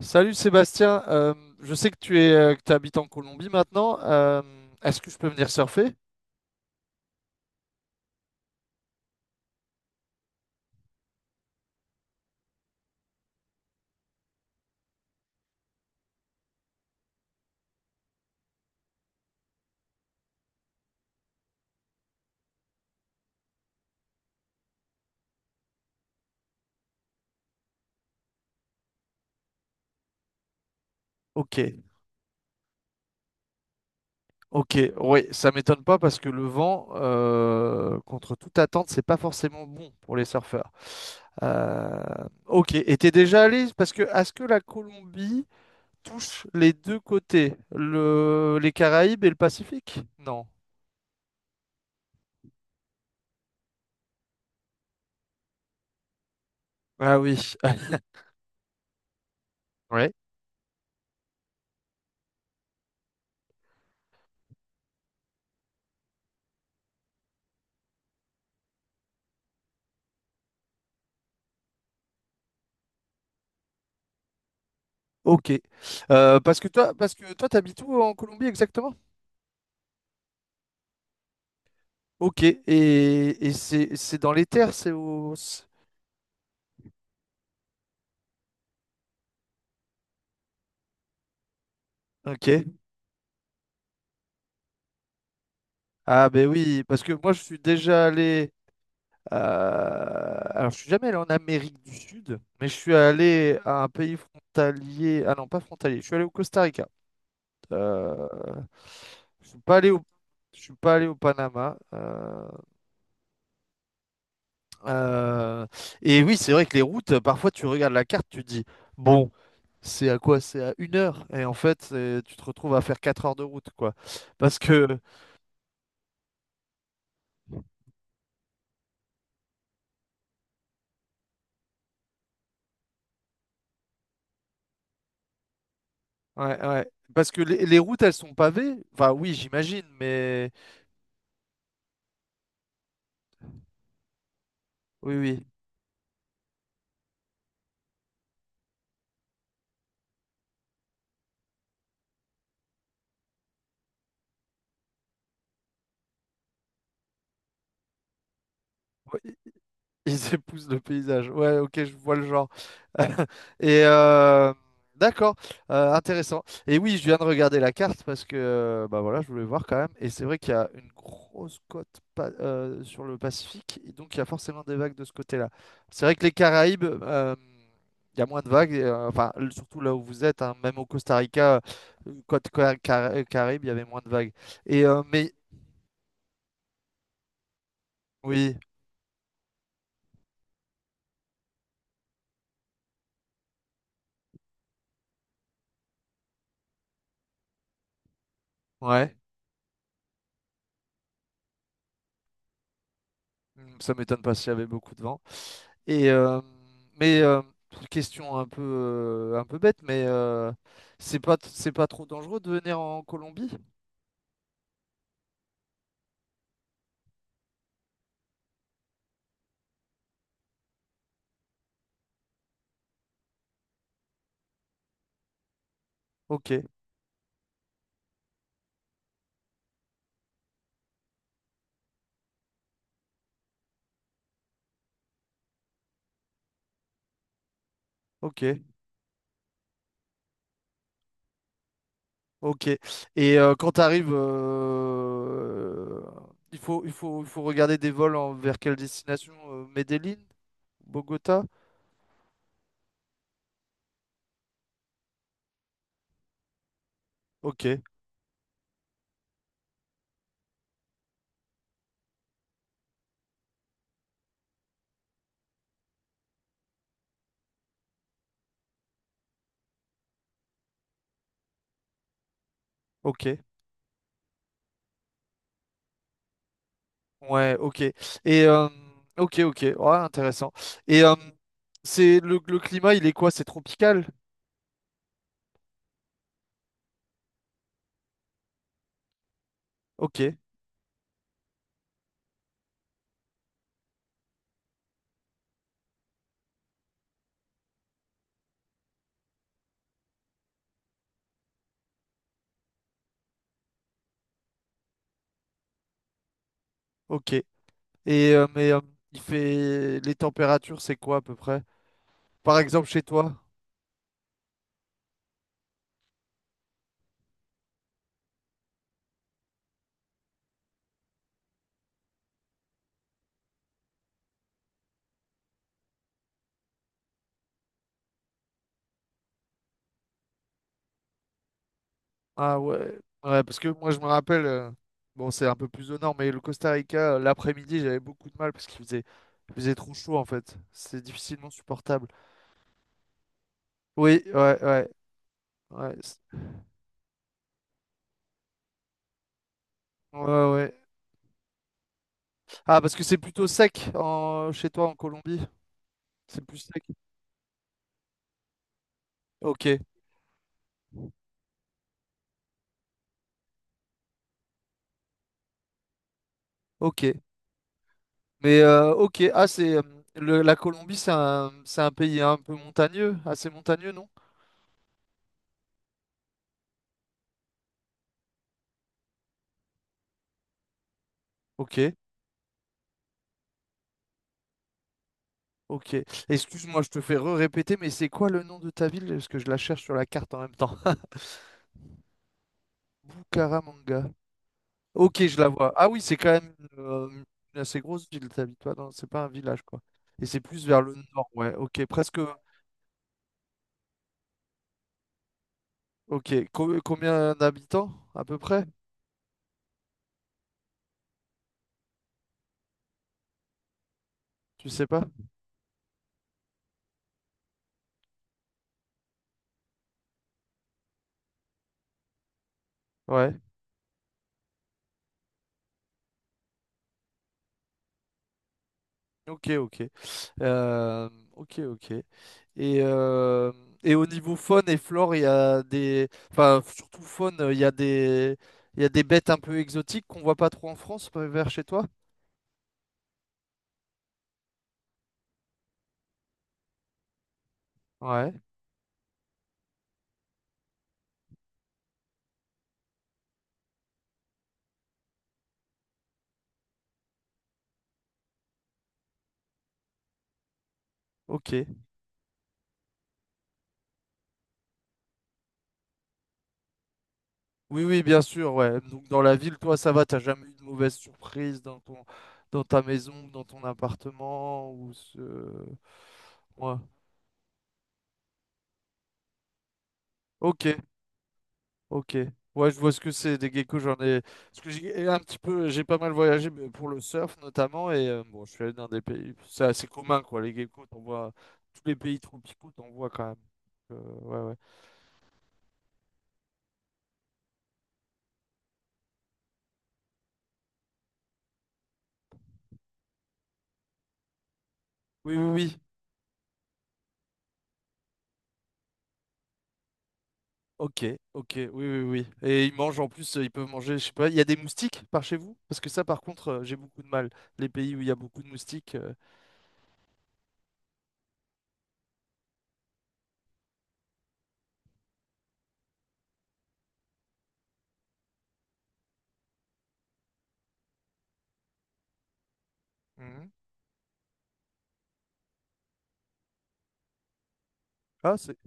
Salut Sébastien, je sais que tu es, que tu habites en Colombie maintenant. Est-ce que je peux venir surfer? Ok, ok, oui, ça m'étonne pas parce que le vent, contre toute attente, c'est pas forcément bon pour les surfeurs. Euh, ok, et t'es déjà allé? Parce que est-ce que la Colombie touche les deux côtés, le, les Caraïbes et le Pacifique? Non. Ah oui. Ouais. Ok. Parce que toi, t'habites où en Colombie exactement? Ok. Et c'est dans les terres, c'est au. C'est- Ok. Ah ben oui, parce que moi je suis déjà allé. Alors je suis jamais allé en Amérique du Sud, mais je suis allé à un pays frontalier. Ah non, pas frontalier. Je suis allé au Costa Rica. Euh, Je suis pas allé au. Je suis pas allé au Panama. Euh, Et oui, c'est vrai que les routes, parfois tu regardes la carte, tu te dis, bon. C'est à quoi? C'est à une heure. Et en fait, c'est- tu te retrouves à faire quatre heures de route, quoi. Parce que, ouais, ouais. Parce que les routes, elles sont pavées. Enfin, oui, j'imagine, mais oui, oui. Ils épousent le paysage. Ouais, ok, je vois le genre. Et d'accord, intéressant. Et oui, je viens de regarder la carte parce que bah voilà, je voulais voir quand même. Et c'est vrai qu'il y a une grosse côte sur le Pacifique, et donc il y a forcément des vagues de ce côté-là. C'est vrai que les Caraïbes, il y a moins de vagues, et, enfin surtout là où vous êtes, hein, même au Costa Rica, côte Caraïbe, il y avait moins de vagues. Et mais oui, ouais, Hmm, ça m'étonne pas s'il y avait beaucoup de vent. Et mais question un peu bête, mais c'est pas trop dangereux de venir en Colombie? Ok, ok, ok. Et quand tu arrives, il faut il faut il faut regarder des vols vers quelle destination? Medellín, Bogota? Ok, ok, ouais, ok. Et ok, ok, ouais, intéressant. Et c'est le climat, il est quoi? C'est tropical? Ok, ok. Et mais il fait les températures, c'est quoi à peu près? Par exemple chez toi? Ah ouais. Ouais, parce que moi je me rappelle, bon c'est un peu plus au nord, mais le Costa Rica, l'après-midi, j'avais beaucoup de mal parce qu'il faisait, il faisait trop chaud en fait. C'est difficilement supportable. Oui, ouais, ouais, ouais. c'est- Ouais, ouais. Ah, parce que c'est plutôt sec en… chez toi en Colombie. C'est plus sec. Ok, ok. Mais ok, ah c'est la Colombie, c'est un pays un peu montagneux, assez montagneux, non? Ok. Ok. Excuse-moi, je te fais re-répéter, mais c'est quoi le nom de ta ville? Parce que je la cherche sur la carte en même temps. Bucaramanga. Ok, je la vois. Ah oui, c'est quand même une assez grosse ville, t'habites pas dans… C'est pas un village, quoi. Et c'est plus vers le nord, ouais. Ok, presque… Ok, Co- combien d'habitants, à peu près? Tu sais pas? Ouais. Ok, ok. Ok, ok. Et, euh, et au niveau faune et flore, il y a des… Enfin, surtout faune, il y a des… il y a des bêtes un peu exotiques qu'on voit pas trop en France, vers chez toi? Ouais, ok. Oui, oui, bien sûr, ouais. Donc dans la ville, toi, ça va, t'as jamais eu de mauvaise surprise dans ton… dans ta maison, dans ton appartement ou ce… Ouais. Ok. Ok. Ouais, je vois ce que c'est des geckos. J'en ai. Parce que j'ai un petit peu, j'ai pas mal voyagé mais pour le surf notamment. Et bon, je suis allé dans des pays. C'est assez commun, quoi. Les geckos, t'en vois. Tous les pays tropicaux, t'en vois quand même. Donc, ouais, ouais. Oui, oui, oui. Ok, ok. Oui, oui, oui. Et ils mangent en plus, ils peuvent manger, je sais pas. Il y a des moustiques par chez vous? Parce que ça, par contre, j'ai beaucoup de mal. Les pays où il y a beaucoup de moustiques. Mhm. Ah, c'est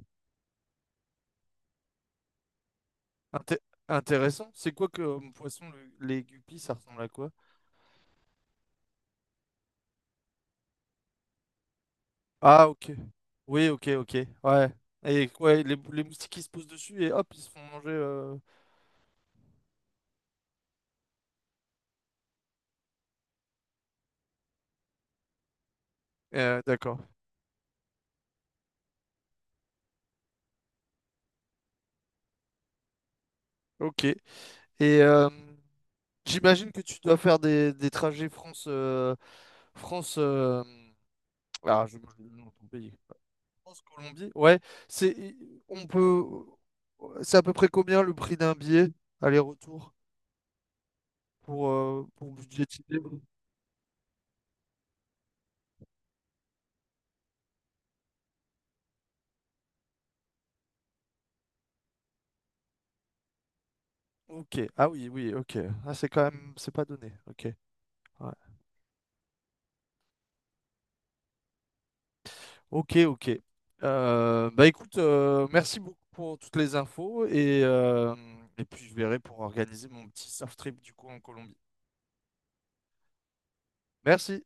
inté- intéressant. C'est quoi que poisson les guppies, ça ressemble à quoi? Ah, ok. Oui, ok, ok. Ouais. Et ouais, les moustiques qui se posent dessus et hop, ils se font manger. D'accord. Ok. Et j'imagine que tu dois faire des trajets France, France, ah, je bouge le nom de ton pays. France-Colombie, ouais. C'est, on peut, c'est à peu près combien le prix d'un billet aller-retour pour budgétiser? Ok, ah oui, oui, ok. Ah, c'est quand même, c'est pas donné. Ok, ouais. Ok, ok. Bah écoute, merci beaucoup pour toutes les infos et puis je verrai pour organiser mon petit surf trip du coup en Colombie. Merci.